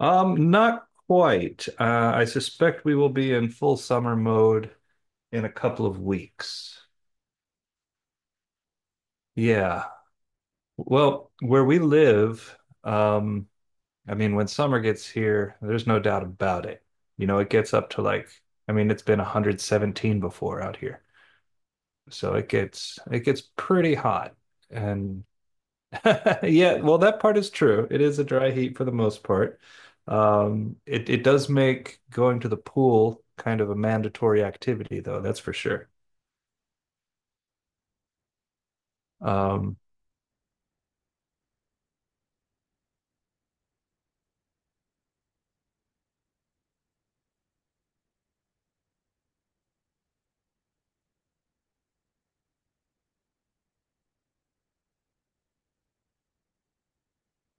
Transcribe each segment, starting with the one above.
Not quite. I suspect we will be in full summer mode in a couple of weeks. Yeah. Well, where we live, um, I mean, when summer gets here, there's no doubt about it. You know, it gets up to like, I mean, it's been 117 before out here. So it gets pretty hot. And Yeah, well, that part is true. It is a dry heat for the most part. It does make going to the pool kind of a mandatory activity, though, that's for sure. Um,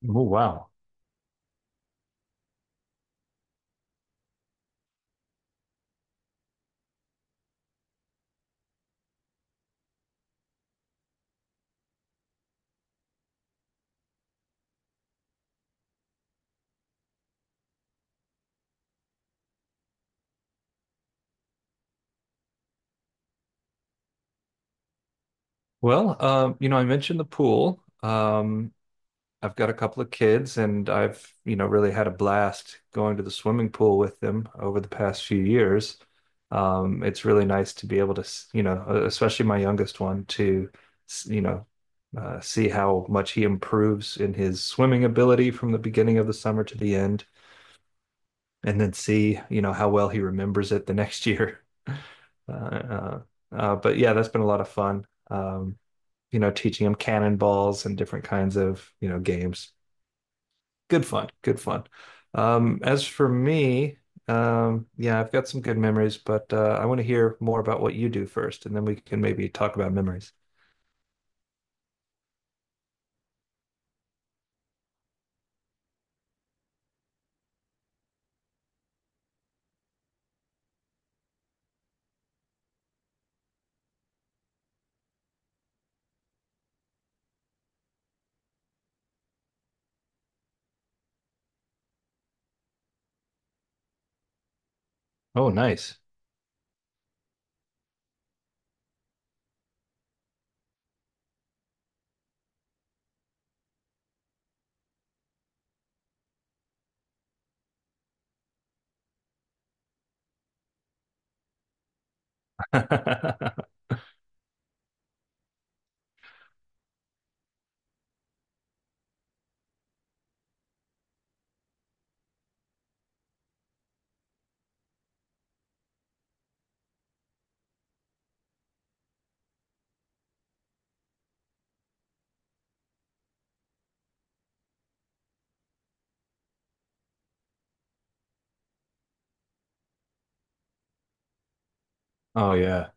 Oh, wow. Well, you know, I mentioned the pool. I've got a couple of kids and I've, you know, really had a blast going to the swimming pool with them over the past few years. It's really nice to be able to, you know, especially my youngest one to, you know, see how much he improves in his swimming ability from the beginning of the summer to the end, and then see, you know, how well he remembers it the next year. Uh, uh, but yeah, that's been a lot of fun. Um, you know, teaching him cannonballs and different kinds of, you know, games, good fun, good fun. As for me, yeah, I've got some good memories, but I want to hear more about what you do first, and then we can maybe talk about memories. Oh, nice. Oh, yeah.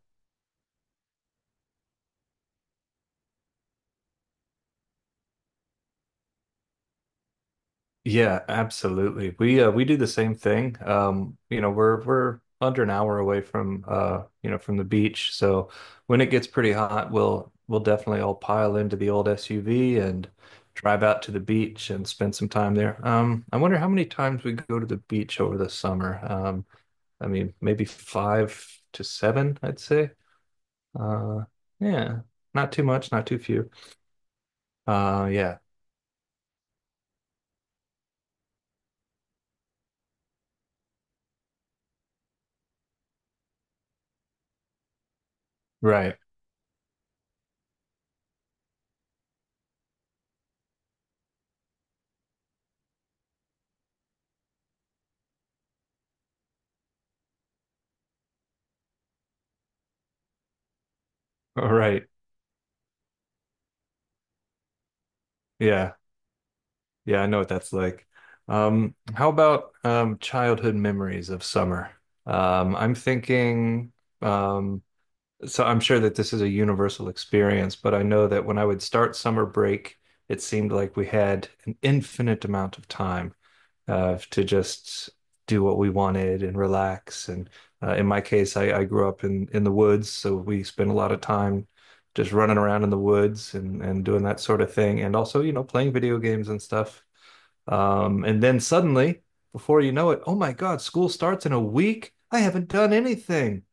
Yeah, absolutely. We do the same thing. You know, we're under an hour away from you know, from the beach. So when it gets pretty hot, we'll definitely all pile into the old SUV and drive out to the beach and spend some time there. I wonder how many times we go to the beach over the summer. I mean, maybe five to seven, I'd say. Uh, yeah, not too much, not too few. Yeah, right, right, yeah. Yeah, I know what that's like. How about childhood memories of summer? I'm thinking, um, so I'm sure that this is a universal experience, but I know that when I would start summer break, it seemed like we had an infinite amount of time to just do what we wanted and relax. And in my case, I grew up in the woods, so we spent a lot of time just running around in the woods and doing that sort of thing, and also, you know, playing video games and stuff. And then suddenly, before you know it, oh my God, school starts in a week. I haven't done anything.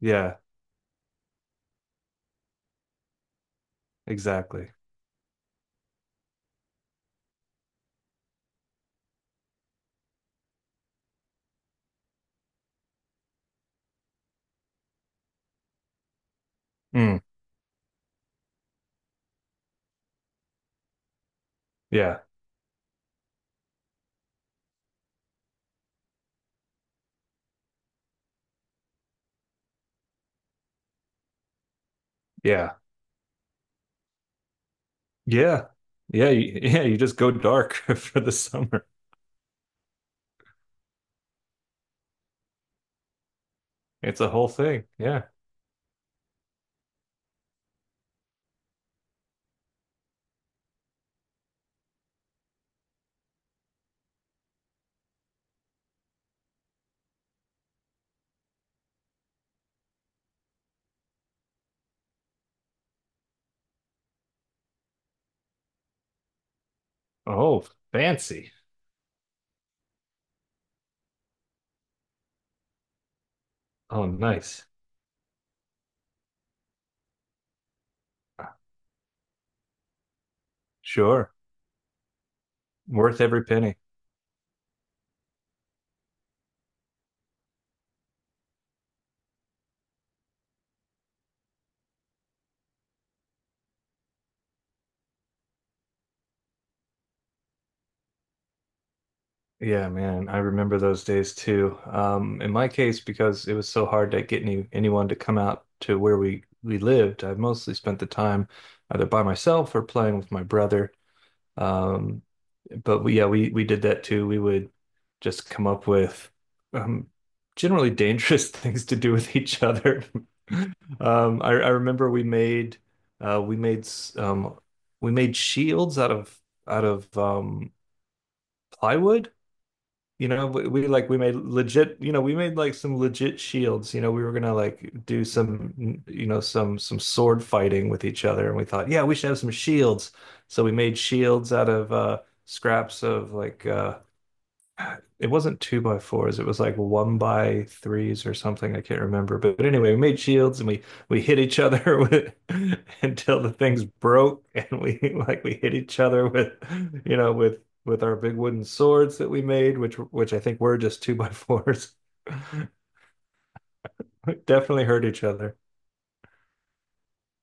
Yeah, exactly. Mm, yeah, yeah, yeah, yeah, yeah. You just go dark for the summer. It's a whole thing. Yeah. Oh, fancy. Oh, nice. Sure. Worth every penny. Yeah, man, I remember those days too. In my case, because it was so hard to get anyone to come out to where we lived, I mostly spent the time either by myself or playing with my brother. Um, but we, yeah, we did that too. We would just come up with um, generally dangerous things to do with each other. I remember we made we made we made shields out of out of um, plywood. You know, we like we made legit, you know, we made like some legit shields. You know, we were gonna like do some, you know, some sword fighting with each other, and we thought, yeah, we should have some shields. So we made shields out of scraps of like it wasn't two by fours, it was like one by threes or something. I can't remember. But anyway, we made shields and we hit each other with until the things broke and we like we hit each other with, you know, with our big wooden swords that we made, which I think were just two by fours. We definitely hurt each other.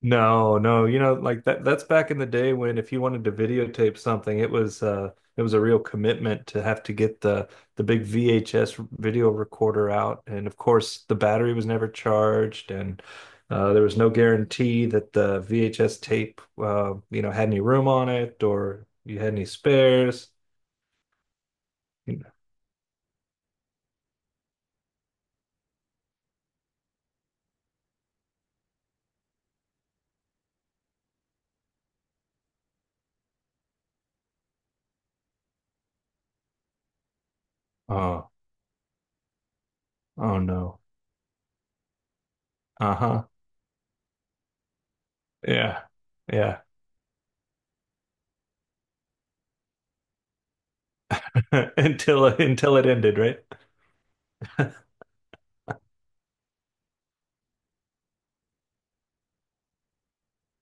No, no, you know, like that that's back in the day when if you wanted to videotape something, it was a real commitment to have to get the big VHS video recorder out. And of course, the battery was never charged and there was no guarantee that the VHS tape you know, had any room on it or you had any spares. You know, oh, oh no. Uh-huh. Yeah. Yeah. Until it ended, right?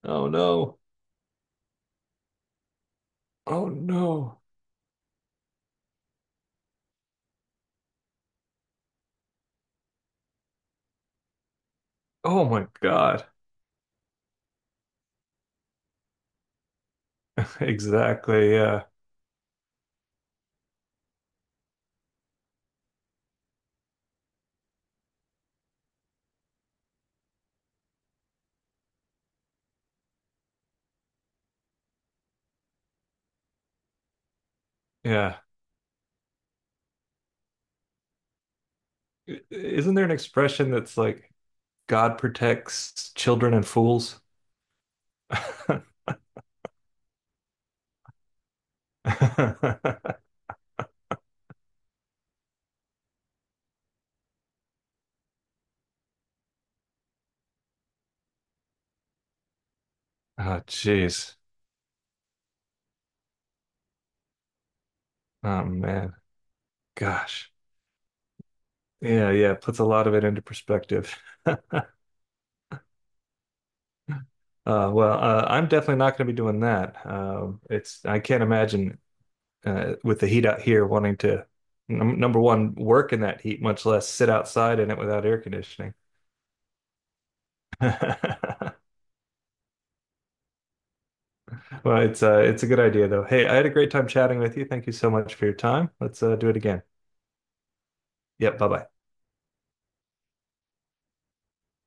Oh no. Oh no. Oh my God. Exactly. Yeah. Yeah. I- Isn't there an expression that's like God protects children and fools? Oh, jeez. Oh man. Gosh. Yeah, yeah. It puts a lot of it into perspective. Well, I'm definitely not going to be doing that. It's I can't imagine with the heat out here wanting to number one work in that heat, much less sit outside in it without air conditioning. Well, it's a good idea though. Hey, I had a great time chatting with you. Thank you so much for your time. Let's do it again. Yep, bye bye.